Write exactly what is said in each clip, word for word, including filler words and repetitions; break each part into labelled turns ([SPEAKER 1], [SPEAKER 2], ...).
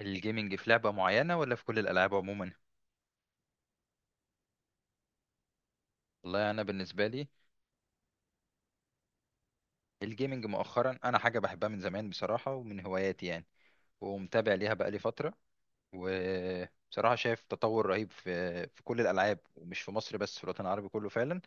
[SPEAKER 1] الجيمنج في لعبة معينة ولا في كل الألعاب عموما؟ والله أنا بالنسبة لي الجيمنج مؤخرا أنا حاجة بحبها من زمان بصراحة ومن هواياتي يعني ومتابع ليها بقالي فترة وبصراحة شايف تطور رهيب في في كل الألعاب ومش في مصر بس في الوطن العربي كله فعلا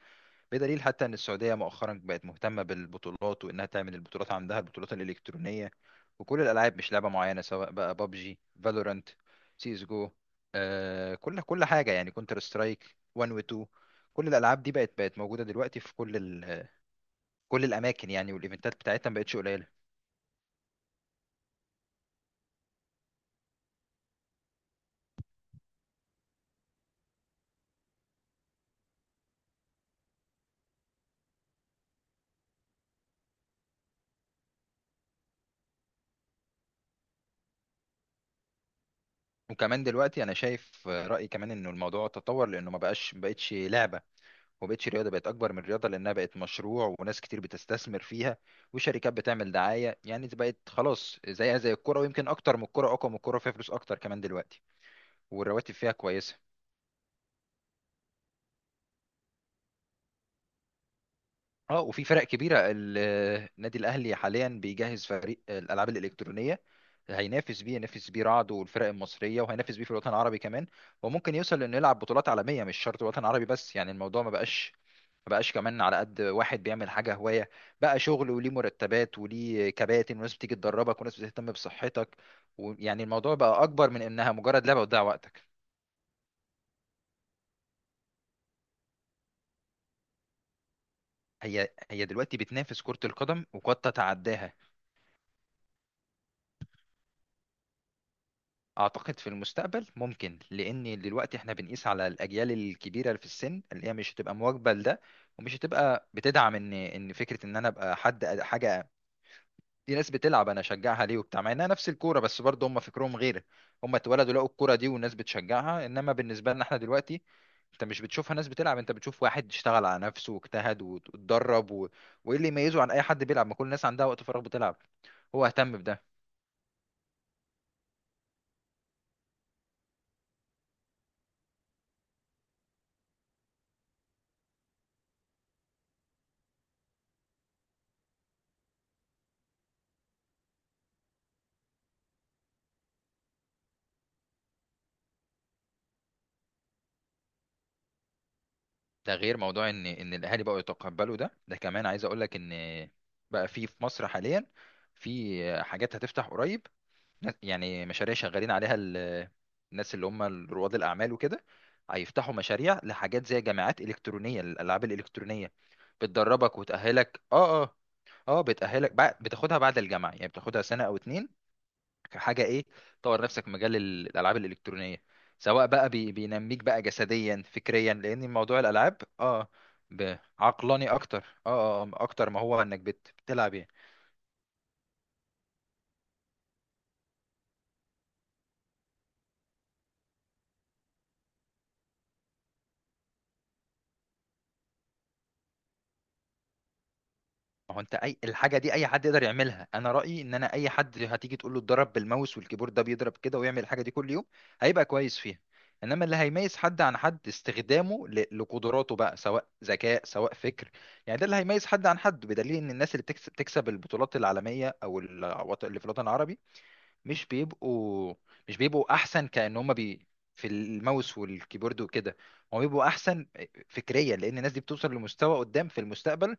[SPEAKER 1] بدليل حتى ان السعوديه مؤخرا بقت مهتمه بالبطولات وانها تعمل البطولات عندها البطولات الالكترونيه وكل الالعاب مش لعبه معينه سواء بقى بابجي فالورانت سي اس جو. آه كل كل حاجه يعني كونتر سترايك واحد و اتنين. كل الالعاب دي بقت بقت موجوده دلوقتي في كل ال... كل الاماكن يعني والايفنتات بتاعتها ما بقتش قليله. وكمان دلوقتي انا شايف آه، رايي كمان انه الموضوع تطور لانه ما بقاش ما بقتش لعبه وبقتش رياضة بقت أكبر من رياضة لأنها بقت مشروع وناس كتير بتستثمر فيها وشركات بتعمل دعاية يعني بقت خلاص زيها زي الكرة ويمكن أكتر من الكرة أقوى من الكرة فيها فلوس أكتر كمان دلوقتي والرواتب فيها كويسة. اه وفي فرق كبيرة ال- النادي الأهلي حاليا بيجهز فريق الألعاب الإلكترونية هينافس بيه ينافس بيه رعد والفرق المصرية وهينافس بيه في الوطن العربي كمان وممكن يوصل لأنه يلعب بطولات عالمية مش شرط الوطن العربي بس يعني الموضوع ما بقاش ما بقاش كمان على قد واحد بيعمل حاجة هواية بقى شغل وليه مرتبات وليه كباتن وناس بتيجي تدربك وناس بتهتم بصحتك ويعني الموضوع بقى أكبر من إنها مجرد لعبة وتضيع وقتك. هي هي دلوقتي بتنافس كرة القدم وقد تتعداها. أعتقد في المستقبل ممكن لأن دلوقتي إحنا بنقيس على الأجيال الكبيرة في السن اللي هي مش هتبقى مواكبة لده ومش هتبقى بتدعم إن إن فكرة إن أنا أبقى حد حاجة. دي ناس بتلعب انا اشجعها ليه وبتاع مع انها نفس الكوره بس برضه هم فكرهم غير. هم اتولدوا لقوا الكوره دي والناس بتشجعها انما بالنسبه لنا احنا دلوقتي انت مش بتشوفها ناس بتلعب. انت بتشوف واحد اشتغل على نفسه واجتهد وت- واتدرب و... وايه اللي يميزه عن اي حد بيلعب ما كل الناس عندها وقت فراغ بتلعب. هو اهتم بده. ده غير موضوع ان ان الاهالي بقوا يتقبلوا ده. ده كمان عايز اقول لك ان بقى في في مصر حاليا في حاجات هتفتح قريب. ناس- يعني مشاريع شغالين عليها ال- الناس اللي هم رواد الأعمال وكده. هيفتحوا مشاريع لحاجات زي جامعات إلكترونية للألعاب الإلكترونية بتدربك وتأهلك اه اه اه بتأهلك بعد بتاخدها بعد الجامعة يعني بتاخدها سنة أو اتنين كحاجة ايه تطور نفسك في مجال ال- الألعاب الإلكترونية سواء بقى بي- بينميك بقى جسديا فكريا لأن موضوع الألعاب اه ب- عقلاني أكتر اه آه، آه، أكتر ما هو إنك بت- بتلعب يعني. ما هو انت اي الحاجه دي اي حد يقدر يعملها. انا رايي ان انا اي حد هتيجي تقول له اتدرب بالماوس والكيبورد ده بيضرب كده ويعمل الحاجه دي كل يوم هيبقى كويس فيها. انما اللي هيميز حد عن حد استخدامه ل- لقدراته بقى سواء ذكاء سواء فكر. يعني ده اللي هيميز حد عن حد بدليل ان الناس اللي بتكسب, بتكسب البطولات العالميه او الوط- اللي في الوطن العربي مش بيبقوا مش بيبقوا احسن كأن هم بي في الماوس والكيبورد وكده. هم بيبقوا احسن فكريا لان الناس دي بتوصل لمستوى قدام في المستقبل.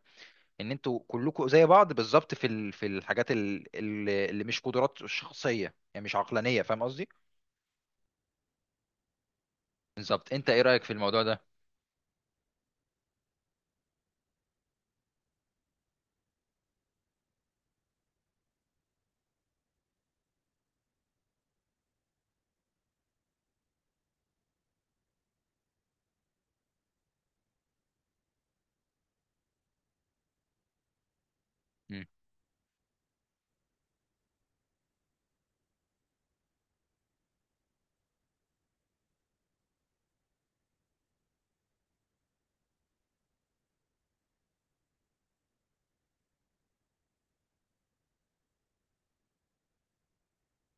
[SPEAKER 1] ان انتوا كلكم زي بعض بالظبط في ال- في الحاجات ال- ال- اللي مش قدرات شخصيه يعني مش عقلانيه فاهم قصدي. بالظبط. انت ايه رايك في الموضوع ده؟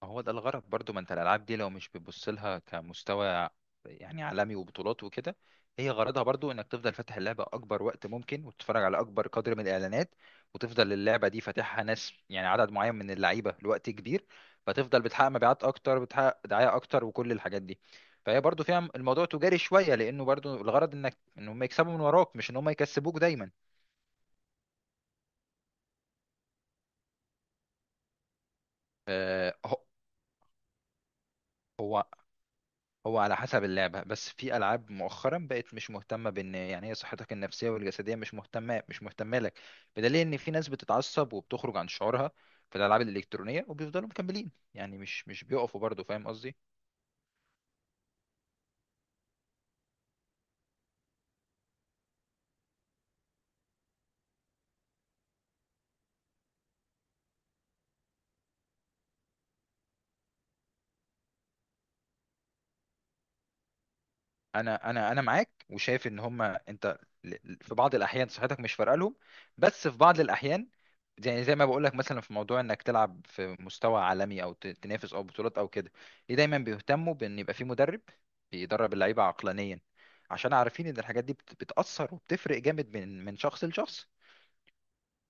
[SPEAKER 1] ما هو ده الغرض برضو. ما انت الالعاب دي لو مش بتبص لها كمستوى يعني عالمي وبطولات وكده. هي غرضها برضو انك تفضل فاتح اللعبه اكبر وقت ممكن وتتفرج على اكبر قدر من الاعلانات وتفضل اللعبه دي فاتحها ناس يعني عدد معين من اللعيبه لوقت كبير. فتفضل بتحقق مبيعات اكتر بتحقق دعايه اكتر وكل الحاجات دي. فهي برضو فيها الموضوع تجاري شويه لانه برضو الغرض انك ان هم يكسبوا من وراك مش ان هم يكسبوك دايما. آه، هو هو على حسب اللعبة بس في ألعاب مؤخرا بقت مش مهتمة بإن يعني هي صحتك النفسية والجسدية مش مهتمة مش مهتمة لك. بدليل إن في ناس بتتعصب وبتخرج عن شعورها في الألعاب الإلكترونية وبيفضلوا مكملين يعني مش مش بيقفوا برضه فاهم قصدي. انا انا انا معاك وشايف ان هما انت ل- ل- في بعض الاحيان صحتك مش فارقه لهم. بس في بعض الاحيان يعني زي ما بقول لك مثلا في موضوع انك تلعب في مستوى عالمي او ت- تنافس او بطولات او كده. ليه دايما بيهتموا بان يبقى في مدرب بيدرب اللعيبه عقلانيا عشان عارفين ان الحاجات دي بت- بتاثر وبتفرق جامد من من شخص لشخص.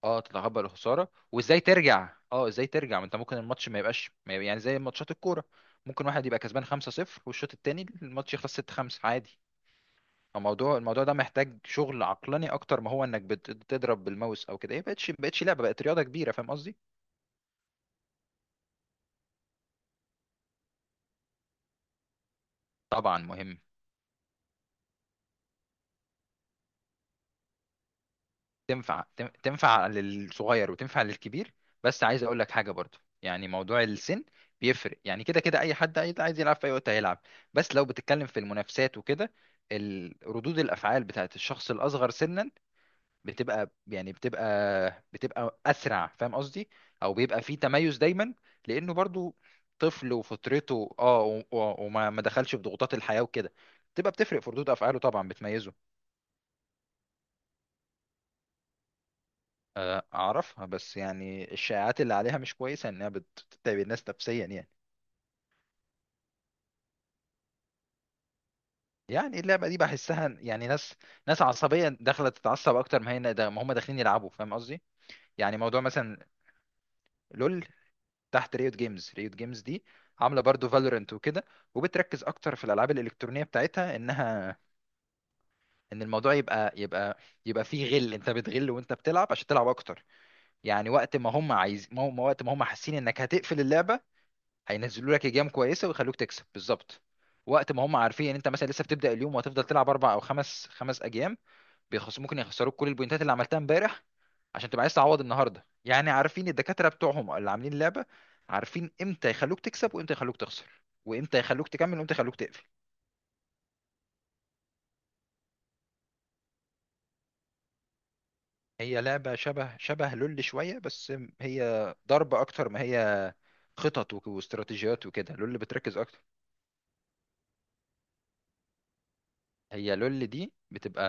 [SPEAKER 1] اه تتقبل الخساره وازاي ترجع اه ازاي ترجع ما انت ممكن الماتش ما يبقاش ما يبقى- يعني زي ماتشات الكوره. ممكن واحد يبقى كسبان خمسة صفر والشوط التاني الماتش يخلص ستة خمسة عادي. الموضوع الموضوع ده محتاج شغل عقلاني اكتر ما هو انك بت- بتضرب بالماوس او كده. هي بقتش بقتش لعبه بقت رياضه كبيره فاهم قصدي. طبعا مهم. تنفع تن- تنفع للصغير وتنفع للكبير. بس عايز اقول لك حاجه برضو يعني موضوع السن بيفرق. يعني كده كده اي حد عايز عايز يلعب في اي وقت هيلعب. بس لو بتتكلم في المنافسات وكده ال- ردود الافعال بتاعت الشخص الاصغر سنا بتبقى يعني بتبقى بتبقى اسرع فاهم قصدي. او بيبقى فيه تميز دايما لانه برضو طفل وفطرته اه و- و- وما ما دخلش في ضغوطات الحياه وكده. بتبقى بتفرق في ردود افعاله طبعا بتميزه. آه، اعرفها بس يعني الشائعات اللي عليها مش كويسه انها بت- بتتعب الناس نفسيا يعني. يعني اللعبه دي بحسها يعني ناس ناس عصبيه داخله تتعصب اكتر ما هي ده ما هم داخلين يلعبوا فاهم قصدي. يعني موضوع مثلا لول تحت ريوت جيمز. ريوت جيمز دي عامله برضو فالورنت وكده وبتركز اكتر في الالعاب الالكترونيه بتاعتها انها ان الموضوع يبقى يبقى يبقى فيه غل انت بتغل وانت بتلعب عشان تلعب اكتر. يعني وقت ما هم عايز ما ما وقت ما هم حاسين انك هتقفل اللعبه هينزلوا لك ايجام كويسه ويخلوك تكسب بالظبط. وقت ما هم عارفين ان انت مثلا لسه بتبدا اليوم وهتفضل تلعب اربع او خمس خمس اجيال بيخص ممكن يخسروك كل البوينتات اللي عملتها امبارح عشان تبقى عايز تعوض النهارده يعني عارفين الدكاترة بتوعهم اللي عاملين اللعبة. عارفين امتى يخلوك تكسب وامتى يخلوك تخسر وامتى يخلوك تكمل وامتى يخلوك تقفل. هي لعبة شبه شبه لول شوية بس. هي ضرب اكتر ما هي خطط وك- واستراتيجيات وكده. لول بتركز اكتر. هي لول دي بتبقى.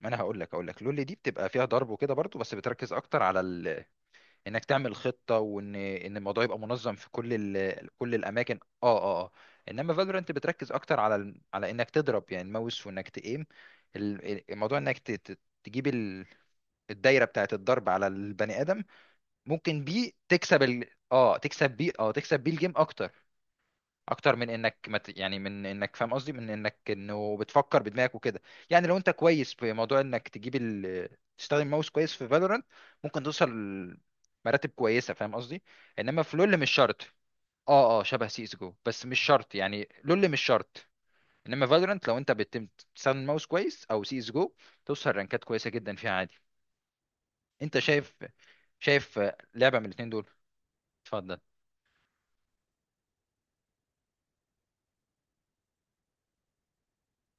[SPEAKER 1] ما انا هقول لك هقول لك لول دي بتبقى فيها ضرب وكده برضو بس بتركز اكتر على ال... انك تعمل خطه وان ان الموضوع يبقى منظم في كل ال... كل الاماكن اه اه اه انما فالورانت بتركز اكتر على ال... على انك تضرب يعني الماوس وانك تقيم ال- الموضوع انك ت... ت- تجيب ال... الدايره بتاعه الضرب على البني ادم ممكن بيه تكسب ال... اه تكسب بيه اه تكسب بيه الجيم اكتر اكتر من انك مت يعني من انك فاهم قصدي من انك انه بتفكر بدماغك وكده. يعني لو انت كويس في موضوع انك تجيب ال... تستخدم ماوس كويس في فالورانت ممكن توصل مراتب كويسه فاهم قصدي. انما في لول مش شرط اه اه شبه سي اس جو بس مش شرط يعني لول مش شرط. انما فالورانت لو انت بتم تستخدم ماوس كويس او سي اس جو توصل رانكات كويسه جدا فيها عادي. انت شايف شايف لعبه من الاثنين دول. اتفضل.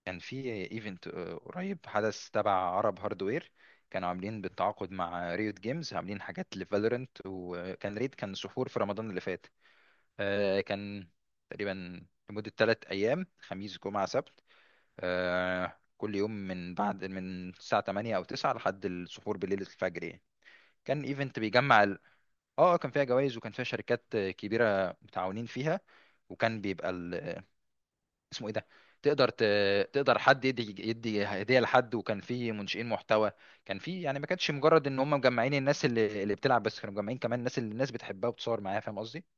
[SPEAKER 1] كان في ايفنت قريب حدث تبع عرب هاردوير. كانوا عاملين بالتعاقد مع ريوت جيمز عاملين حاجات لفالورنت وكان ريد كان سحور في رمضان اللي فات. آه، كان تقريبا لمدة ثلاث أيام خميس جمعة سبت. آه، كل يوم من بعد من الساعة تمانية أو تسعة لحد السحور بالليل الفجر يعني. كان ايفنت بيجمع ال... اه كان فيها جوائز وكان فيها شركات كبيرة متعاونين فيها. وكان بيبقى ال- اسمه ايه ده. تقدر ت... تقدر حد يدي يدي هديه لحد وكان في منشئين محتوى. كان في يعني ما كانتش مجرد ان هم مجمعين الناس اللي اللي بتلعب بس كانوا مجمعين كمان الناس اللي الناس بتحبها وبتصور معاها فاهم قصدي